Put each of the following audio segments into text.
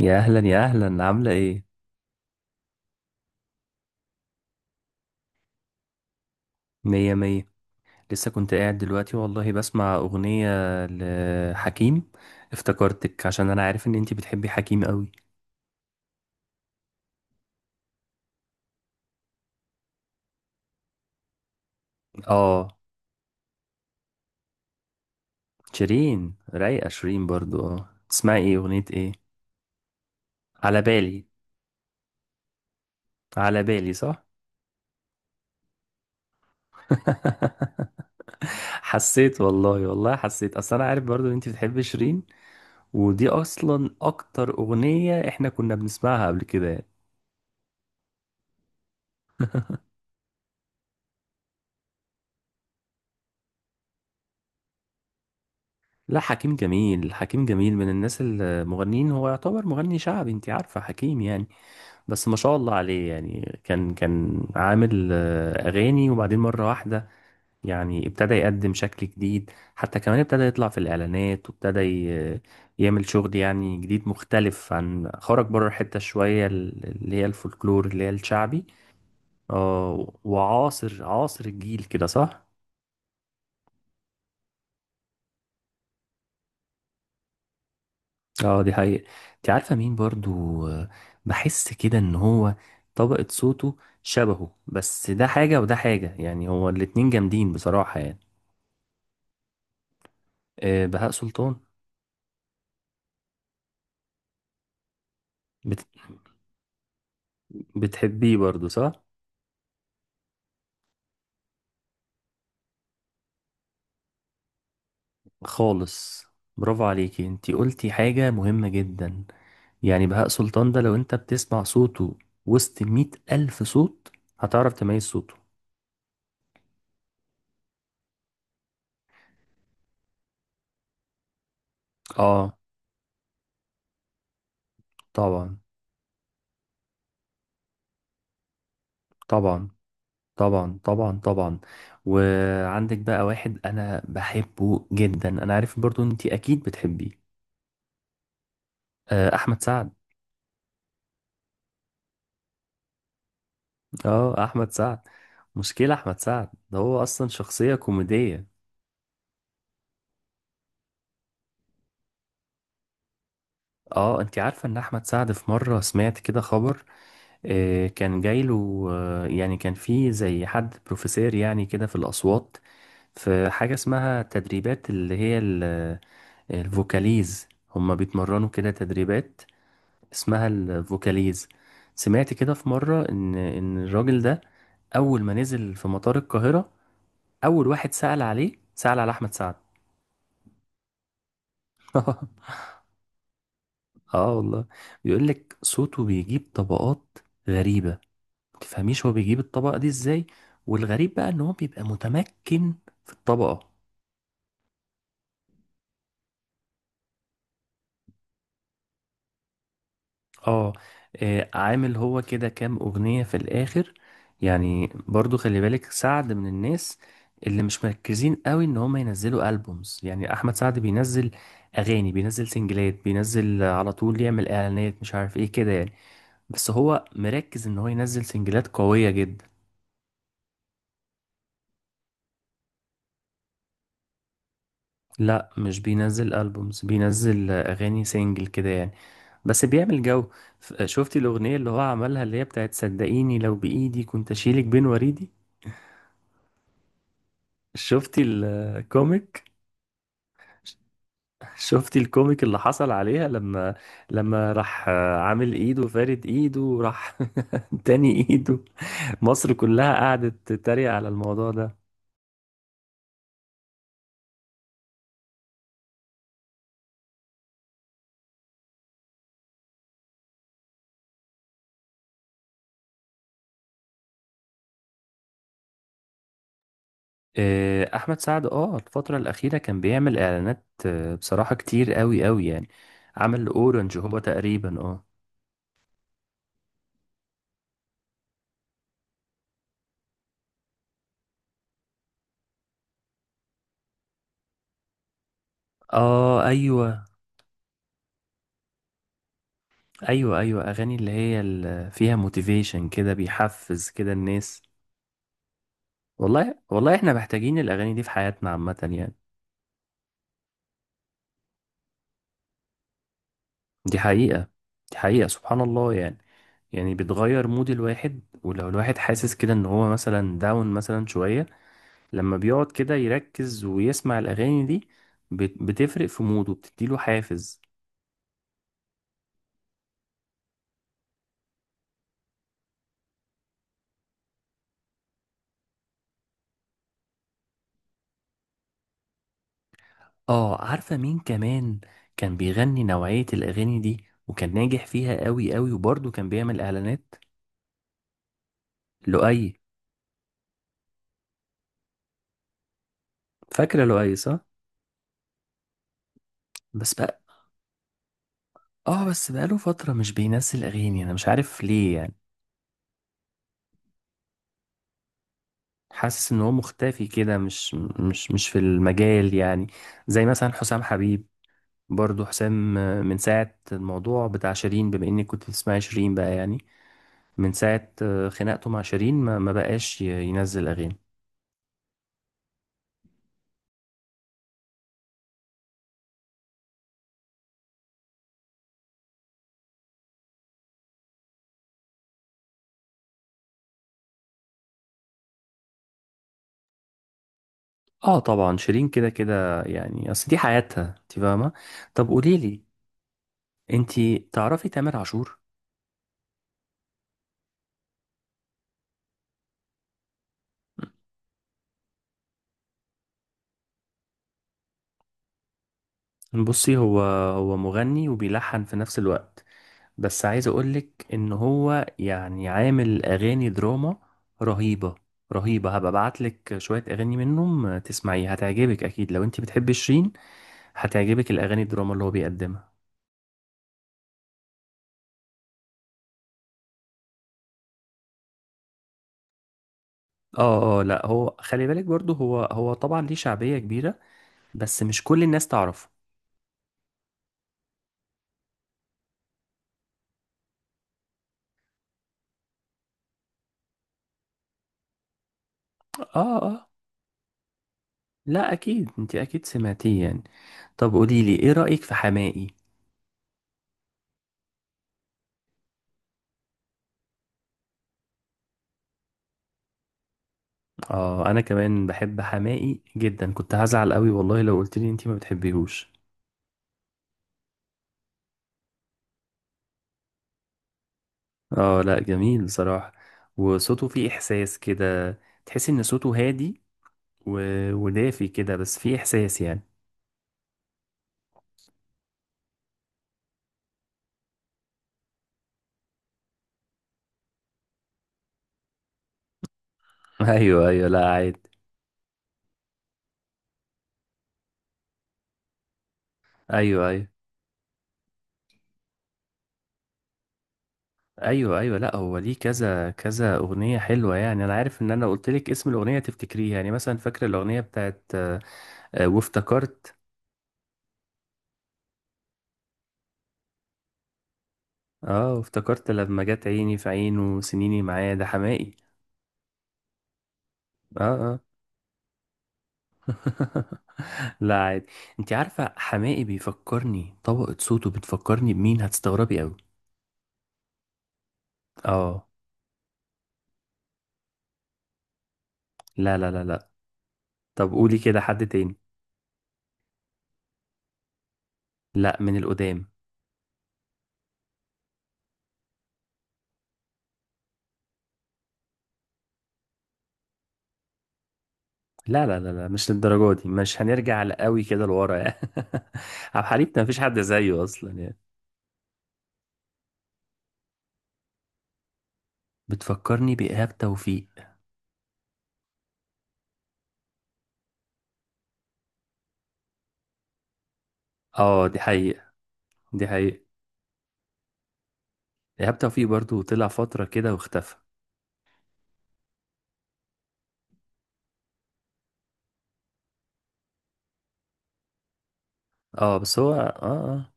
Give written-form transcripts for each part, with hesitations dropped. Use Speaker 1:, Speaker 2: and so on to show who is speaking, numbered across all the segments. Speaker 1: يا اهلا يا اهلا، عامله ايه؟ مية مية. لسه كنت قاعد دلوقتي والله بسمع اغنيه لحكيم. افتكرتك عشان انا عارف ان انتي بتحبي حكيم قوي. اه، شيرين رايقه، شيرين برضو. اه، تسمعي ايه؟ اغنيه ايه؟ على بالي. على بالي صح. حسيت والله، والله حسيت، اصل انا عارف برضو ان انتي بتحبي شيرين. ودي اصلا اكتر اغنيه احنا كنا بنسمعها قبل كده يعني. لا حكيم جميل، حكيم جميل، من الناس المغنيين. هو يعتبر مغني شعبي، انت عارفة حكيم يعني. بس ما شاء الله عليه يعني، كان عامل أغاني، وبعدين مرة واحدة يعني ابتدى يقدم شكل جديد. حتى كمان ابتدى يطلع في الإعلانات، يعمل شغل يعني جديد مختلف، عن خرج بره الحتة شوية اللي هي الفولكلور اللي هي الشعبي. اه، وعاصر الجيل كده صح؟ اه دي حقيقة. انت عارفة مين برضو؟ بحس كده ان هو طبقة صوته شبهه، بس ده حاجة وده حاجة، يعني هو الاتنين جامدين بصراحة يعني. بهاء سلطان. بت... بتحبيه برضو صح؟ خالص. برافو عليكي، انت قلتي حاجة مهمة جدا. يعني بهاء سلطان ده لو انت بتسمع صوته وسط 100,000 ألف صوت هتعرف تميز صوته. اه طبعا طبعا طبعا طبعا. وعندك بقى واحد انا بحبه جدا، انا عارف برضو انت اكيد بتحبيه. احمد سعد. اه احمد سعد. مشكلة احمد سعد ده هو اصلا شخصية كوميدية. اه انت عارفة ان احمد سعد في مرة سمعت كده خبر. كان جايله، يعني كان في زي حد بروفيسور يعني كده في الاصوات، في حاجة اسمها تدريبات اللي هي الفوكاليز. هما بيتمرنوا كده تدريبات اسمها الفوكاليز. سمعت كده في مرة إن الراجل ده أول ما نزل في مطار القاهرة، أول واحد سأل عليه سأل على أحمد سعد. آه والله. بيقول لك صوته بيجيب طبقات غريبة، ما تفهميش هو بيجيب الطبقة دي إزاي. والغريب بقى إن هو بيبقى متمكن في الطبقة. اه، عامل هو كده كام اغنية في الاخر. يعني برضو خلي بالك سعد من الناس اللي مش مركزين قوي ان هم ينزلوا البومز. يعني احمد سعد بينزل اغاني، بينزل سنجلات، بينزل على طول، يعمل اعلانات، مش عارف ايه كده يعني. بس هو مركز ان هو ينزل سنجلات قوية جدا. لا مش بينزل البومز، بينزل اغاني سنجل كده يعني، بس بيعمل جو. شفتي الاغنية اللي هو عملها اللي هي بتاعت صدقيني لو بايدي كنت اشيلك بين وريدي؟ شفتي الكوميك؟ شفتي الكوميك اللي حصل عليها لما راح عامل ايده، فارد ايده، وراح تاني ايده؟ مصر كلها قعدت تتريق على الموضوع ده. احمد سعد اه الفترة الأخيرة كان بيعمل اعلانات بصراحة كتير قوي قوي يعني. عمل اورنج هو تقريبا. اه اه. ايوه ايوه، ايوه اغاني اللي هي اللي فيها موتيفيشن كده، بيحفز كده الناس. والله والله احنا محتاجين الاغاني دي في حياتنا عامة يعني. دي حقيقة، دي حقيقة، سبحان الله يعني. يعني بتغير مود الواحد، ولو الواحد حاسس كده ان هو مثلا داون مثلا شوية لما بيقعد كده يركز ويسمع الأغاني دي، بتفرق في موده، بتديله حافز. اه عارفة مين كمان كان بيغني نوعية الأغاني دي وكان ناجح فيها قوي قوي، وبرضه كان بيعمل إعلانات؟ لؤي. فاكرة لؤي صح؟ بس بقى، اه بس بقاله فترة مش بينزل أغاني، أنا مش عارف ليه يعني. حاسس ان هو مختفي كده، مش في المجال يعني. زي مثلا حسام حبيب، برضو حسام، من ساعة الموضوع بتاع شيرين، بما اني كنت بتسمعي شيرين بقى يعني. من ساعة خناقته مع شيرين ما بقاش ينزل اغاني. اه طبعا شيرين كده كده يعني، اصل دي حياتها انت فاهمة. طب قوليلي انت، تعرفي تامر عاشور؟ بصي هو، هو مغني وبيلحن في نفس الوقت. بس عايز اقولك ان هو يعني عامل اغاني دراما رهيبة. رهيبة. هبقى ابعتلك شوية اغاني منهم تسمعيها، هتعجبك اكيد لو انت بتحبي شيرين. هتعجبك الاغاني الدراما اللي هو بيقدمها. اه اه، لا هو خلي بالك برضو هو، هو طبعا ليه شعبية كبيرة بس مش كل الناس تعرفه. اه اه، لا اكيد انت اكيد سمعتيه يعني. طب قوليلي ايه رأيك في حماقي؟ اه انا كمان بحب حماقي جدا، كنت هزعل قوي والله لو قلتلي انت ما بتحبيهوش. اه لا جميل بصراحة، وصوته فيه احساس كده، تحس ان صوته هادي و... ودافي كده، بس فيه احساس يعني. ايوه ايوه، لا عادي. ايوه ايوه. ايوه لا هو ليه كذا كذا اغنيه حلوه يعني. انا عارف ان انا قلت لك اسم الاغنيه تفتكريه، يعني مثلا فاكره الاغنيه بتاعت وافتكرت؟ اه وافتكرت، لما جت عيني في عينه، وسنيني معاه، ده حماقي. اه اه. لا عادي. انت عارفه حماقي بيفكرني، طبقه صوته بتفكرني بمين؟ هتستغربي قوي. اه. لا لا لا لا. طب قولي كده حد تاني. لا من القدام. لا لا لا لا، مش للدرجة دي، مش هنرجع لقوي كده لورا يعني. عبد الحليم ده مفيش حد زيه اصلا يعني. بتفكرني بإيهاب توفيق. اه دي حقيقة، دي حقيقة. إيهاب توفيق برضو طلع فترة كده واختفى. اه بس هو اه اه.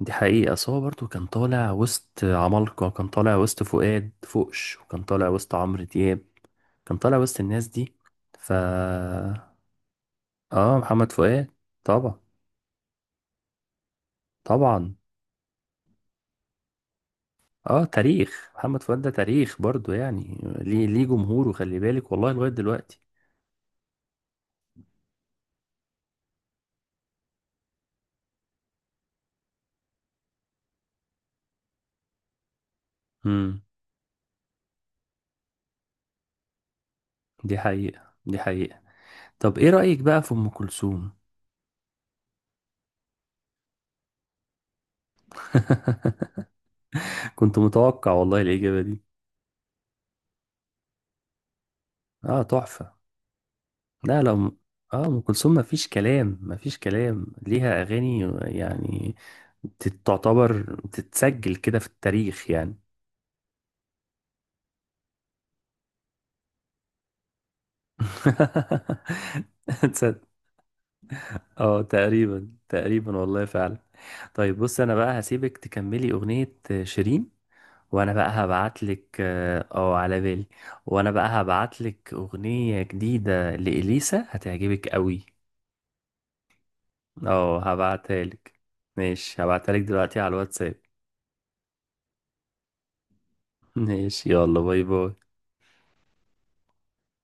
Speaker 1: دي حقيقة، بس هو برضو كان طالع وسط عمالقة، كان طالع وسط فؤاد فوقش، وكان طالع وسط عمرو دياب، كان طالع وسط الناس دي. ف اه، محمد فؤاد. طبعا. طبعا. اه تاريخ محمد فؤاد ده تاريخ برضو يعني، ليه جمهوره خلي بالك والله لغاية دلوقتي. امم، دي حقيقة، دي حقيقة. طب ايه رأيك بقى في ام كلثوم؟ كنت متوقع والله الإجابة دي. اه تحفة. لا لا اه ام كلثوم مفيش كلام، مفيش كلام، ليها اغاني يعني تعتبر تتسجل كده في التاريخ يعني. تصدق، اه تقريبا تقريبا والله فعلا. طيب بص انا بقى هسيبك تكملي اغنية شيرين، وانا بقى هبعتلك اه على بالي. وانا بقى هبعتلك اغنية جديدة لإليسا، هتعجبك قوي. اه هبعتها لك. ماشي هبعتها لك دلوقتي على الواتساب. ماشي، يلا باي باي.